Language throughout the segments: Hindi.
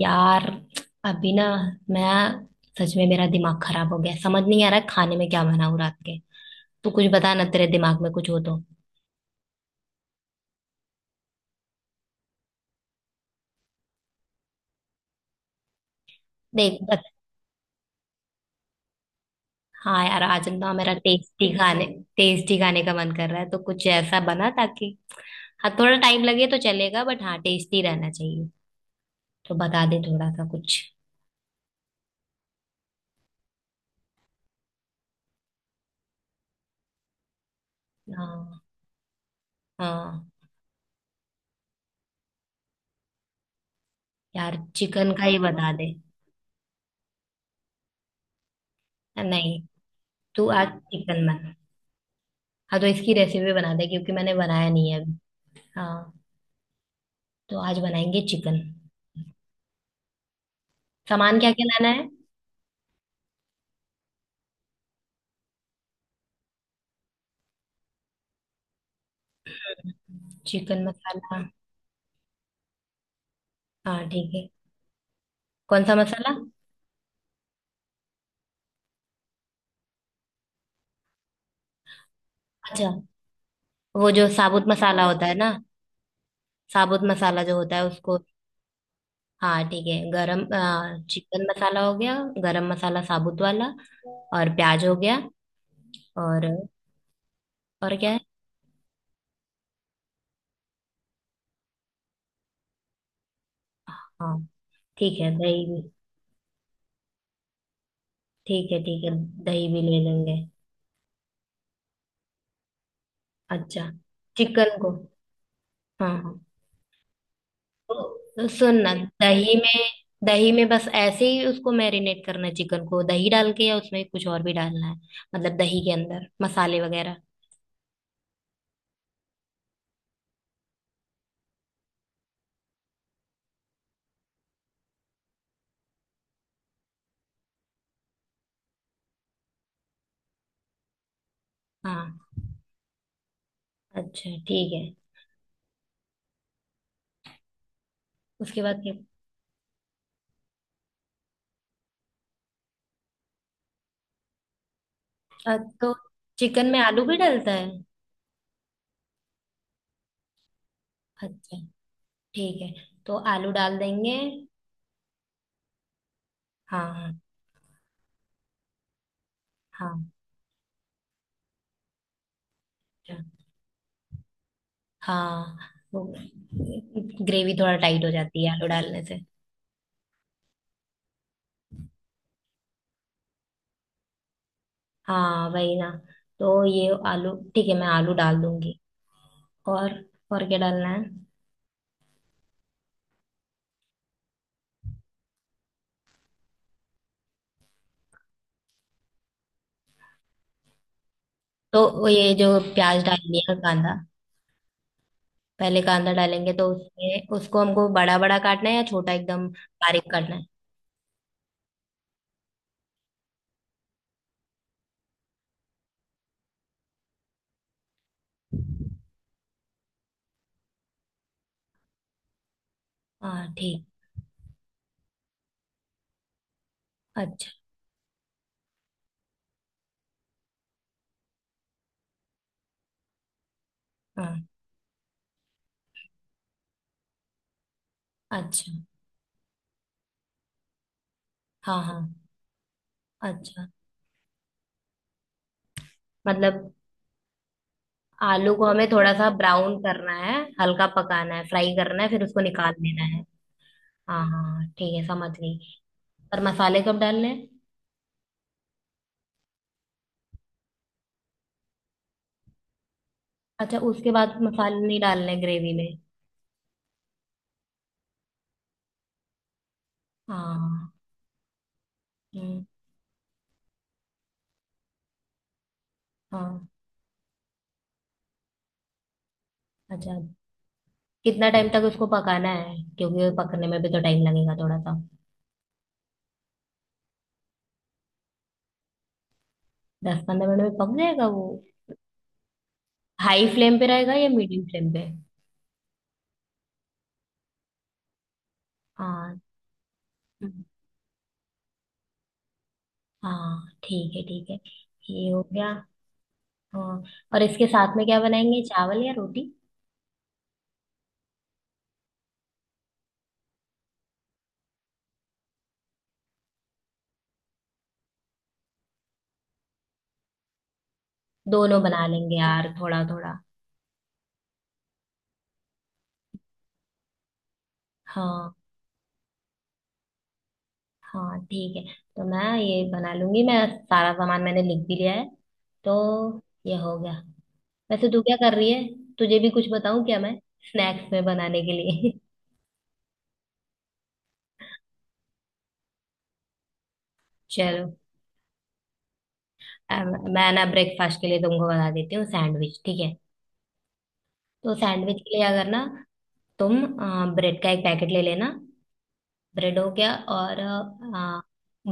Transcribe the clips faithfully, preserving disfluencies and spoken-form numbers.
यार, अभी ना, मैं सच में मेरा दिमाग खराब हो गया। समझ नहीं आ रहा है खाने में क्या बनाऊं रात के। तू कुछ बता ना, तेरे दिमाग में कुछ हो तो। देख, बस। हाँ यार, आज ना मेरा टेस्टी खाने टेस्टी खाने का मन कर रहा है, तो कुछ ऐसा बना ताकि। हाँ, थोड़ा टाइम लगे तो चलेगा बट हाँ टेस्टी रहना चाहिए। तो बता दे थोड़ा सा कुछ। हाँ हाँ, यार चिकन का ही बता दे। नहीं, तू आज चिकन बना। हाँ, तो इसकी रेसिपी बना दे क्योंकि मैंने बनाया नहीं है अभी। हाँ, तो आज बनाएंगे चिकन। सामान क्या क्या लाना है? चिकन मसाला। हाँ ठीक है। कौन सा मसाला? अच्छा, वो जो साबुत मसाला होता है ना, साबुत मसाला जो होता है उसको। हाँ ठीक है। गरम आ, चिकन मसाला हो गया, गरम मसाला साबुत वाला और प्याज हो गया, और और क्या है? हाँ ठीक है दही भी। ठीक है ठीक है, दही भी ले लेंगे। अच्छा, चिकन को, हाँ हाँ तो सुनना। दही में दही में बस ऐसे ही उसको मैरिनेट करना है चिकन को दही डाल के, या उसमें कुछ और भी डालना है? मतलब दही के अंदर मसाले वगैरह? हाँ, अच्छा ठीक है। उसके बाद क्या? अ, तो चिकन में आलू भी डलता है? अच्छा, ठीक है, तो आलू डाल देंगे। हाँ हाँ हाँ, अच्छा। हाँ वो ग्रेवी थोड़ा टाइट हो जाती है आलू डालने से। हाँ वही ना, तो ये आलू ठीक है, मैं आलू डाल दूंगी। और और क्या डालना है? तो वो ये जो प्याज डाल लिया कांदा, पहले कांदा डालेंगे तो उसमें उसको हमको बड़ा बड़ा काटना है या छोटा एकदम बारीक काटना है? हाँ ठीक। अच्छा। हाँ। अच्छा। हाँ हाँ। अच्छा। मतलब आलू को हमें थोड़ा सा ब्राउन करना है, हल्का पकाना है, फ्राई करना है, फिर उसको निकाल लेना है। हाँ हाँ ठीक है, समझ गई। पर मसाले कब डालने हैं? अच्छा, उसके बाद मसाले नहीं डालने ग्रेवी में? हाँ। हम्म, हाँ। अच्छा, कितना टाइम तक उसको पकाना है, क्योंकि वो पकने में भी तो टाइम लगेगा थोड़ा सा? दस पंद्रह मिनट में पक जाएगा वो? हाई फ्लेम पे रहेगा या मीडियम फ्लेम पे? हाँ। हम्म। हाँ ठीक है ठीक है, ये हो गया। हाँ, और इसके साथ में क्या बनाएंगे, चावल या रोटी? दोनों बना लेंगे यार, थोड़ा थोड़ा। हाँ हाँ ठीक है, तो मैं ये बना लूंगी, मैं सारा सामान मैंने लिख भी लिया है, तो ये हो गया। वैसे तू क्या कर रही है? तुझे भी कुछ बताऊं क्या मैं, स्नैक्स में बनाने के लिए? चलो। अम, मैं ना ब्रेकफास्ट के लिए तुमको बता देती हूँ, सैंडविच ठीक है? तो सैंडविच के लिए अगर ना, तुम ब्रेड का एक पैकेट ले लेना। ब्रेड हो गया, और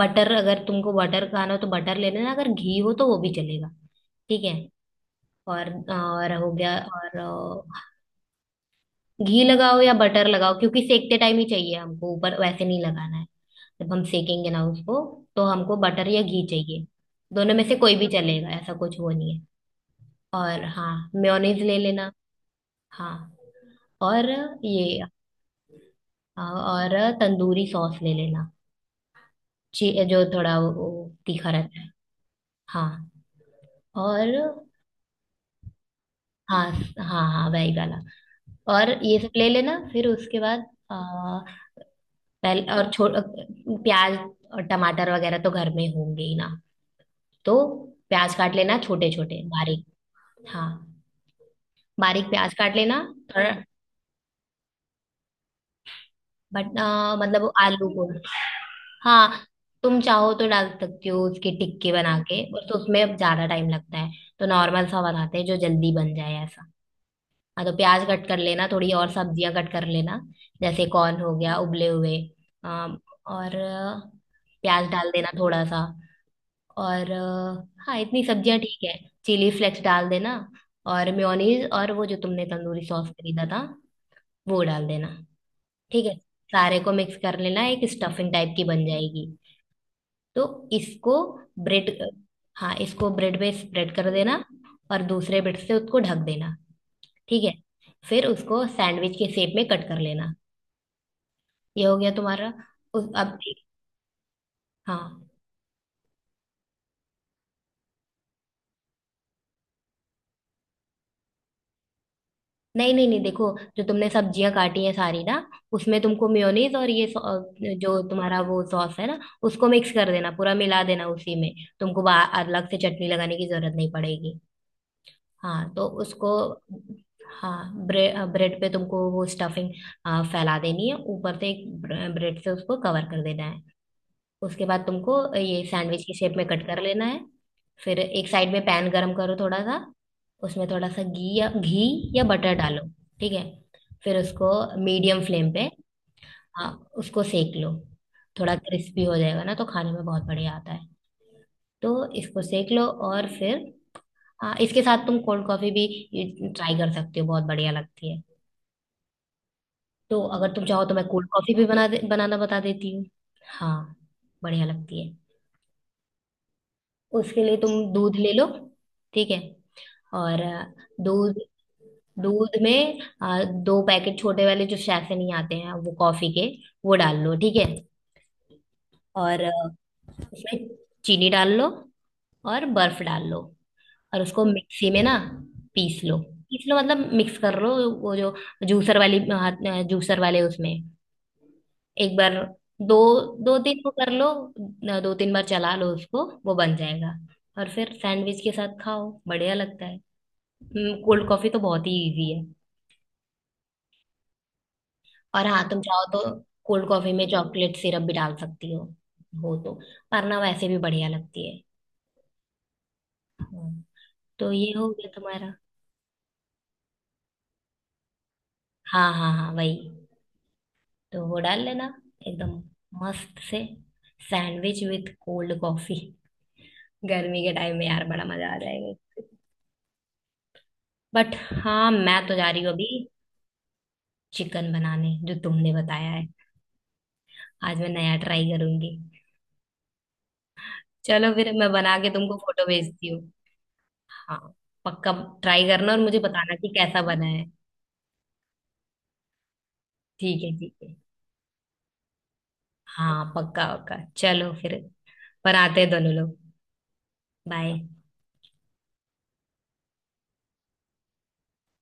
बटर, अगर तुमको बटर खाना हो तो बटर ले लेना, अगर घी हो तो वो भी चलेगा। ठीक है। और और हो गया और अ, घी लगाओ या बटर लगाओ, क्योंकि सेकते टाइम ही चाहिए हमको, ऊपर वैसे नहीं लगाना है। जब हम सेकेंगे ना उसको, तो हमको बटर या घी चाहिए। दोनों में से कोई भी चलेगा, ऐसा कुछ वो नहीं है। और हाँ, मेयोनीज ले लेना। हाँ, और ये, हाँ, और तंदूरी सॉस ले लेना, ची- जो थोड़ा वो, वो तीखा रहता है। हाँ। और हाँ हाँ हाँ, वही वाला। और ये सब ले लेना, फिर उसके बाद आ, पहले और छो प्याज और टमाटर वगैरह तो घर में होंगे ही ना, तो प्याज काट लेना छोटे छोटे बारीक। हाँ, बारीक प्याज काट लेना। थोड़ा, बट मतलब वो आलू को, हाँ तुम चाहो तो डाल सकती हो उसकी टिक्की बना के, बस उसमें अब ज्यादा टाइम लगता है, तो नॉर्मल सा बनाते हैं जो जल्दी बन जाए ऐसा। हाँ तो प्याज कट कर लेना, थोड़ी और सब्जियां कट कर लेना, जैसे कॉर्न हो गया उबले हुए। अम, और अ, प्याज डाल देना थोड़ा सा और अ, हाँ, इतनी सब्जियां ठीक है। चिली फ्लेक्स डाल देना। और मेयोनीज और वो जो तुमने तंदूरी सॉस खरीदा था, वो डाल देना। ठीक है, सारे को मिक्स कर लेना, एक स्टफिंग टाइप की बन जाएगी। तो इसको ब्रेड, हाँ इसको ब्रेड पे स्प्रेड कर देना और दूसरे ब्रेड से उसको ढक देना। ठीक है, फिर उसको सैंडविच के शेप में कट कर लेना। ये हो गया तुम्हारा। उस अब, हाँ, नहीं नहीं नहीं, देखो, जो तुमने सब्जियां काटी हैं सारी ना, उसमें तुमको मेयोनीज और ये सॉ- जो तुम्हारा वो सॉस है ना, उसको मिक्स कर देना पूरा, मिला देना उसी में। तुमको बा- अलग से चटनी लगाने की जरूरत नहीं पड़ेगी। हाँ, तो उसको, हाँ ब्रेड ब्रेड पे तुमको वो स्टफिंग फैला देनी है, ऊपर से एक ब्र- ब्रेड से उसको कवर कर देना है। उसके बाद तुमको ये सैंडविच की शेप में कट कर लेना है। फिर एक साइड में पैन गरम करो थोड़ा सा, उसमें थोड़ा सा घी, या घी या बटर डालो। ठीक है, फिर उसको मीडियम फ्लेम पे, हाँ उसको सेक लो, थोड़ा क्रिस्पी हो जाएगा ना, तो खाने में बहुत बढ़िया आता है। तो इसको सेक लो और फिर हाँ, इसके साथ तुम कोल्ड कॉफी भी ट्राई कर सकते हो, बहुत बढ़िया लगती है। तो अगर तुम चाहो तो मैं कोल्ड कॉफी भी बना दे, बनाना बता देती हूँ। हाँ, बढ़िया लगती है। उसके लिए तुम दूध ले लो। ठीक है, और अ, दूध, दूध में अ, दो पैकेट छोटे वाले जो सैफे नहीं आते हैं वो कॉफी के, वो डाल लो। ठीक है, और अ, उसमें चीनी डाल लो और बर्फ डाल लो, और उसको मिक्सी में ना पीस लो, पीस लो मतलब मिक्स कर लो। वो जो जूसर वाली, हाथ जूसर वाले उसमें एक बार, दो दो तीन को कर लो, न- दो तीन बार चला लो उसको, वो बन जाएगा। और फिर सैंडविच के साथ खाओ, बढ़िया लगता है। हम्म, कोल्ड कॉफी तो बहुत ही इजी है। और हाँ तुम चाहो तो कोल्ड कॉफी में चॉकलेट सिरप भी डाल सकती हो हो तो, वरना वैसे भी बढ़िया लगती है। हम्म। तो ये हो गया तुम्हारा। हाँ हाँ हाँ वही, तो वो डाल लेना एकदम मस्त से। सैंडविच विथ कोल्ड कॉफी, गर्मी के टाइम में यार बड़ा मजा आ जाएगा। बट हाँ, मैं तो जा रही हूँ अभी चिकन बनाने जो तुमने बताया है, आज मैं नया ट्राई करूंगी। चलो फिर मैं बना के तुमको फोटो भेजती हूँ। हाँ पक्का, ट्राई करना और मुझे बताना कि कैसा बना है। ठीक है ठीक है। हाँ पक्का पक्का, चलो फिर, बनाते हैं दोनों लोग। बाय।